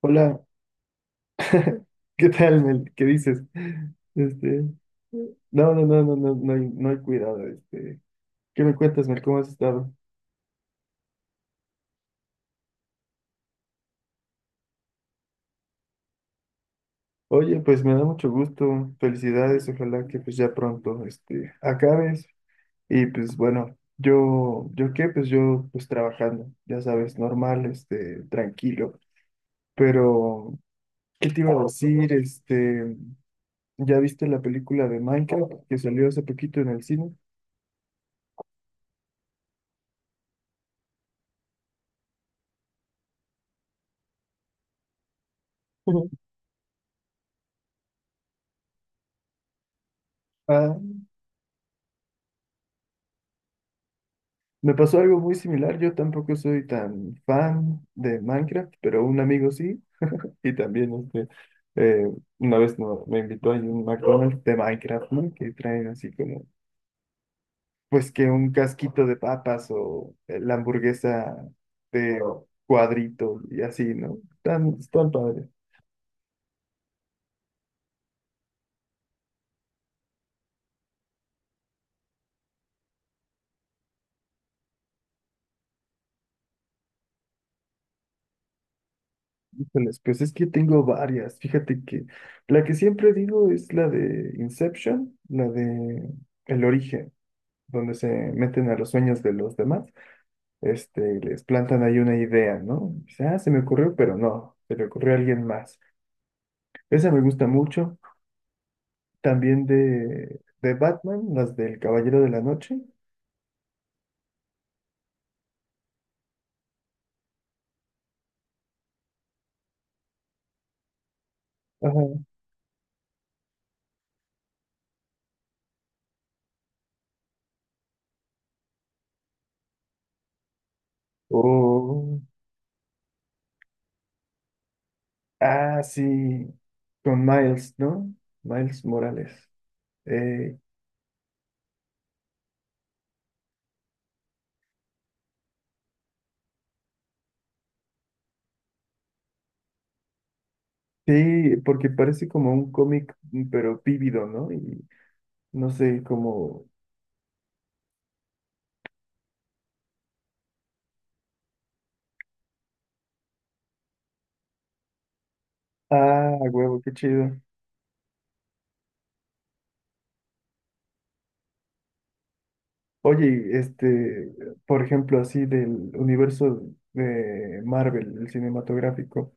Hola, ¿qué tal, Mel? ¿Qué dices? Este, no, no, no, no, no, no hay cuidado, ¿Qué me cuentas, Mel? ¿Cómo has estado? Oye, pues me da mucho gusto, felicidades, ojalá que pues ya pronto, acabes. Y pues bueno, yo, ¿yo qué? Pues yo, pues trabajando, ya sabes, normal, tranquilo. Pero, ¿qué te iba a decir? ¿Ya viste la película de Minecraft que salió hace poquito en el cine? Ujú. Ah, me pasó algo muy similar. Yo tampoco soy tan fan de Minecraft, pero un amigo sí. Y también eh, una vez me invitó a un McDonald's de Minecraft, ¿no? Que traen así como, pues que un casquito de papas o la hamburguesa de cuadrito y así, ¿no? Tan, tan padre. Híjoles, pues es que tengo varias. Fíjate que la que siempre digo es la de Inception, la de El Origen, donde se meten a los sueños de los demás. Y les plantan ahí una idea, ¿no? Dice, ah, se me ocurrió, pero no, se le ocurrió a alguien más. Esa me gusta mucho. También de Batman, las del Caballero de la Noche. Ajá. O, ah, sí, con Miles, ¿no? Miles Morales. Eh, sí, porque parece como un cómic, pero vívido, ¿no? Y no sé, como, ah, huevo, qué chido. Oye, por ejemplo, así del universo de Marvel, el cinematográfico,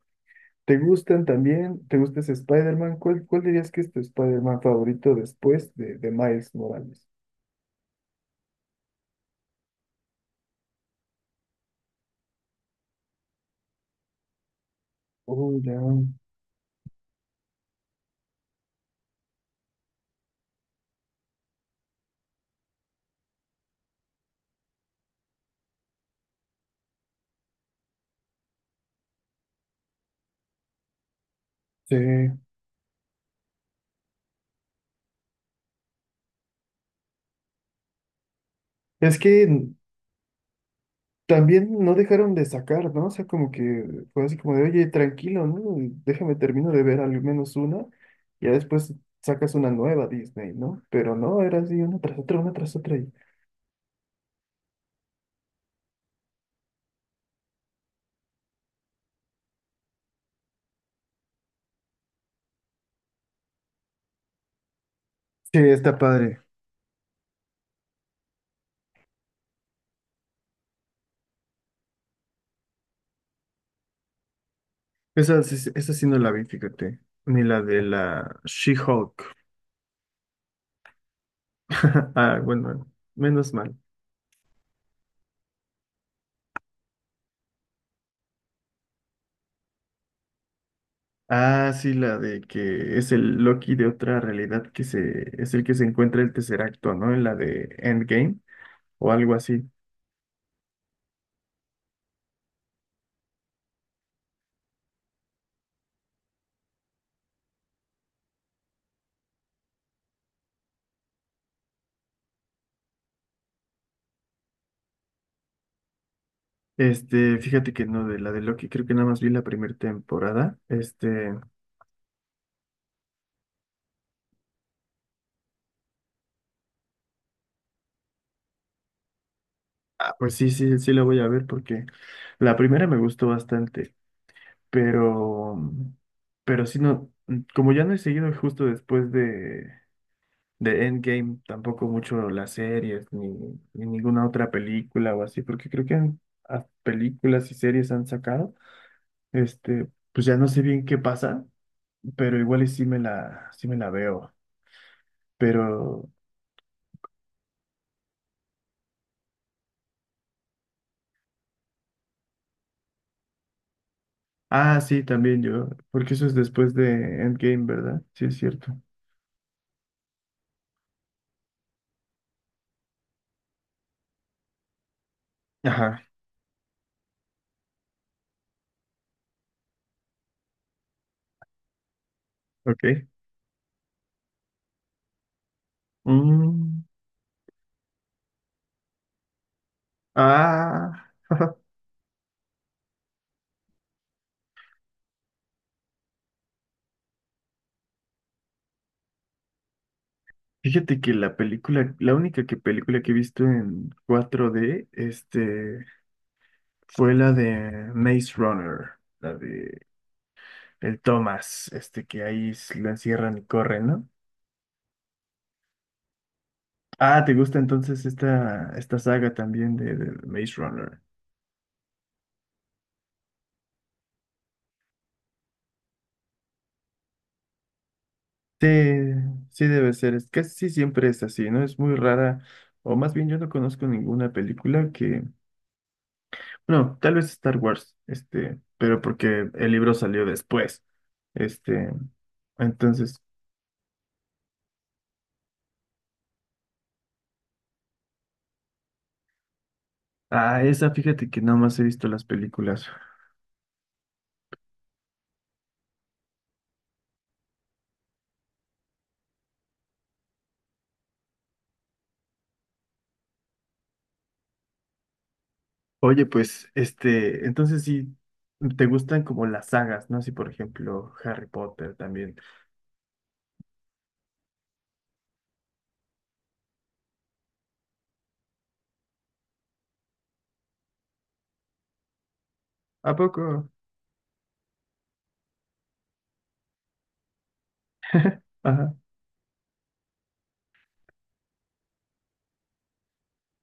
¿te gustan también? ¿Te gusta ese Spider-Man? Cuál dirías que es tu Spider-Man favorito después de Miles Morales? Oh, ya, sí. Es que también no dejaron de sacar, ¿no? O sea, como que fue así como de, oye, tranquilo, ¿no? Déjame termino de ver al menos una, ya después sacas una nueva Disney, ¿no? Pero no, era así una tras otra, una tras otra. Sí, está padre. Esa, esa sí no la vi, fíjate. Ni la de la She-Hulk. Ah, bueno, menos mal. Ah, sí, la de que es el Loki de otra realidad es el que se encuentra el tercer acto, ¿no? En la de Endgame o algo así. Fíjate que no, de la de Loki, creo que nada más vi la primera temporada. Ah, pues sí, sí, sí la voy a ver porque la primera me gustó bastante, pero, pero sí no, como ya no he seguido justo después de Endgame, tampoco mucho las series, ni ninguna otra película o así, porque creo que películas y series han sacado. Pues ya no sé bien qué pasa, pero igual y sí me la veo. Pero, ah, sí, también yo, porque eso es después de Endgame, ¿verdad? Sí, es cierto. Ajá, ok. Mm, ah, fíjate que la película, la única que película que he visto en 4D, Fue la de Maze Runner, la de el Thomas, que ahí lo encierran y corren, ¿no? Ah, ¿te gusta entonces esta saga también de Maze Runner? Sí, sí debe ser, es casi siempre es así, ¿no? Es muy rara, o más bien yo no conozco ninguna película que, bueno, tal vez Star Wars, pero porque el libro salió después, este, entonces, ah, esa fíjate que nada más he visto las películas. Oye, pues, entonces sí, te gustan como las sagas, ¿no? Así, por ejemplo, Harry Potter también. ¿A poco? Ajá.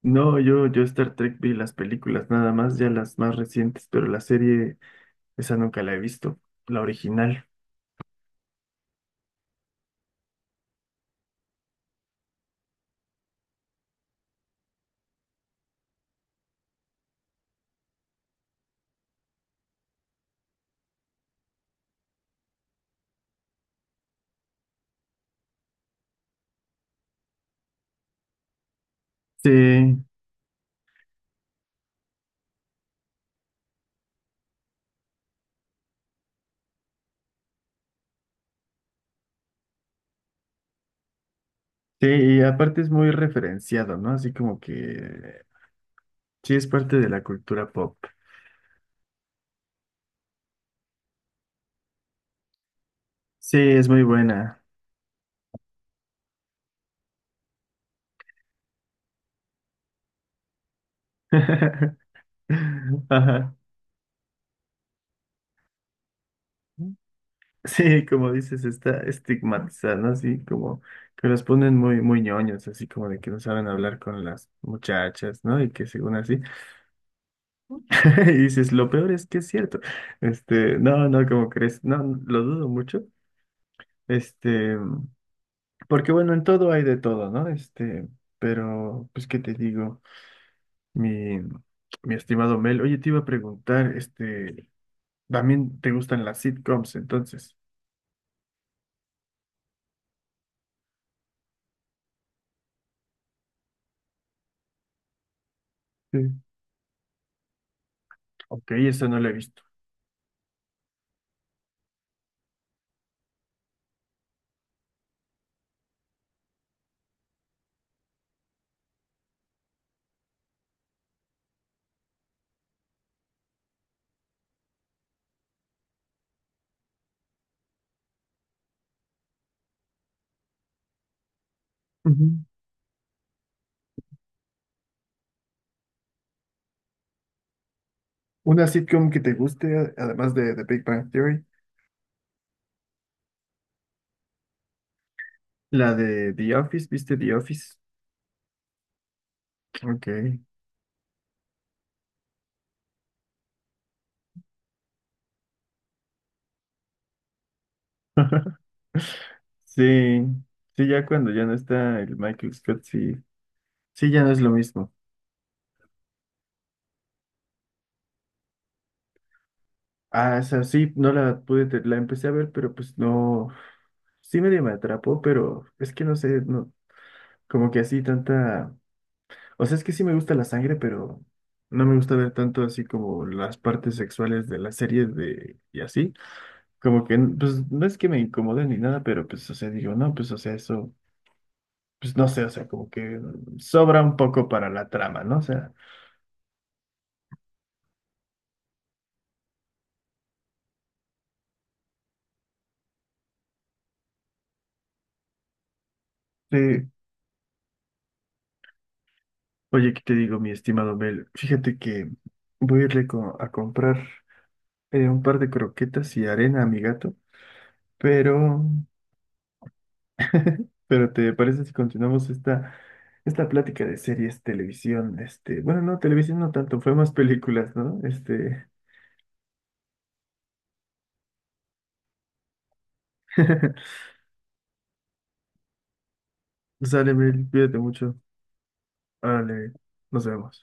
No, yo Star Trek vi las películas nada más, ya las más recientes, pero la serie, esa nunca la he visto, la original. Sí, sí, y aparte es muy referenciado, ¿no? Así como que sí es parte de la cultura pop. Sí, es muy buena. Ajá. Sí, como dices, está estigmatizada, ¿no? Así como que los ponen muy, muy ñoños, así como de que no saben hablar con las muchachas, ¿no? Y que según así, y dices, lo peor es que es cierto. No, no, ¿como crees? No, no, lo dudo mucho. Este, porque bueno, en todo hay de todo, ¿no? Pero, pues, ¿qué te digo? Mi, mi estimado Mel, oye, te iba a preguntar, ¿también te gustan las sitcoms entonces? Sí. Ok, eso no lo he visto. Una sitcom que te guste, además de The Big Bang Theory. La de The Office, ¿viste The Office? Ok. Sí, sí, ya cuando ya no está el Michael Scott, sí, sí, ya no es lo mismo. Ah, o sea sí, no la pude, la empecé a ver, pero pues no, sí medio me atrapó, pero es que no sé, no, como que así tanta, o sea, es que sí me gusta la sangre, pero no me gusta ver tanto así como las partes sexuales de las series de, y así. Como que, pues no es que me incomode ni nada, pero pues, o sea, digo, no, pues, o sea, eso, pues no sé, o sea, como que sobra un poco para la trama, ¿no? O sea, eh, oye, ¿qué te digo, mi estimado Mel? Fíjate que voy a a comprar un par de croquetas y arena a mi gato, pero, pero ¿te parece si continuamos esta plática de series, televisión, bueno, no, televisión no tanto, fue más películas, ¿no? Este, sale, Mel cuídate mucho, vale, nos vemos.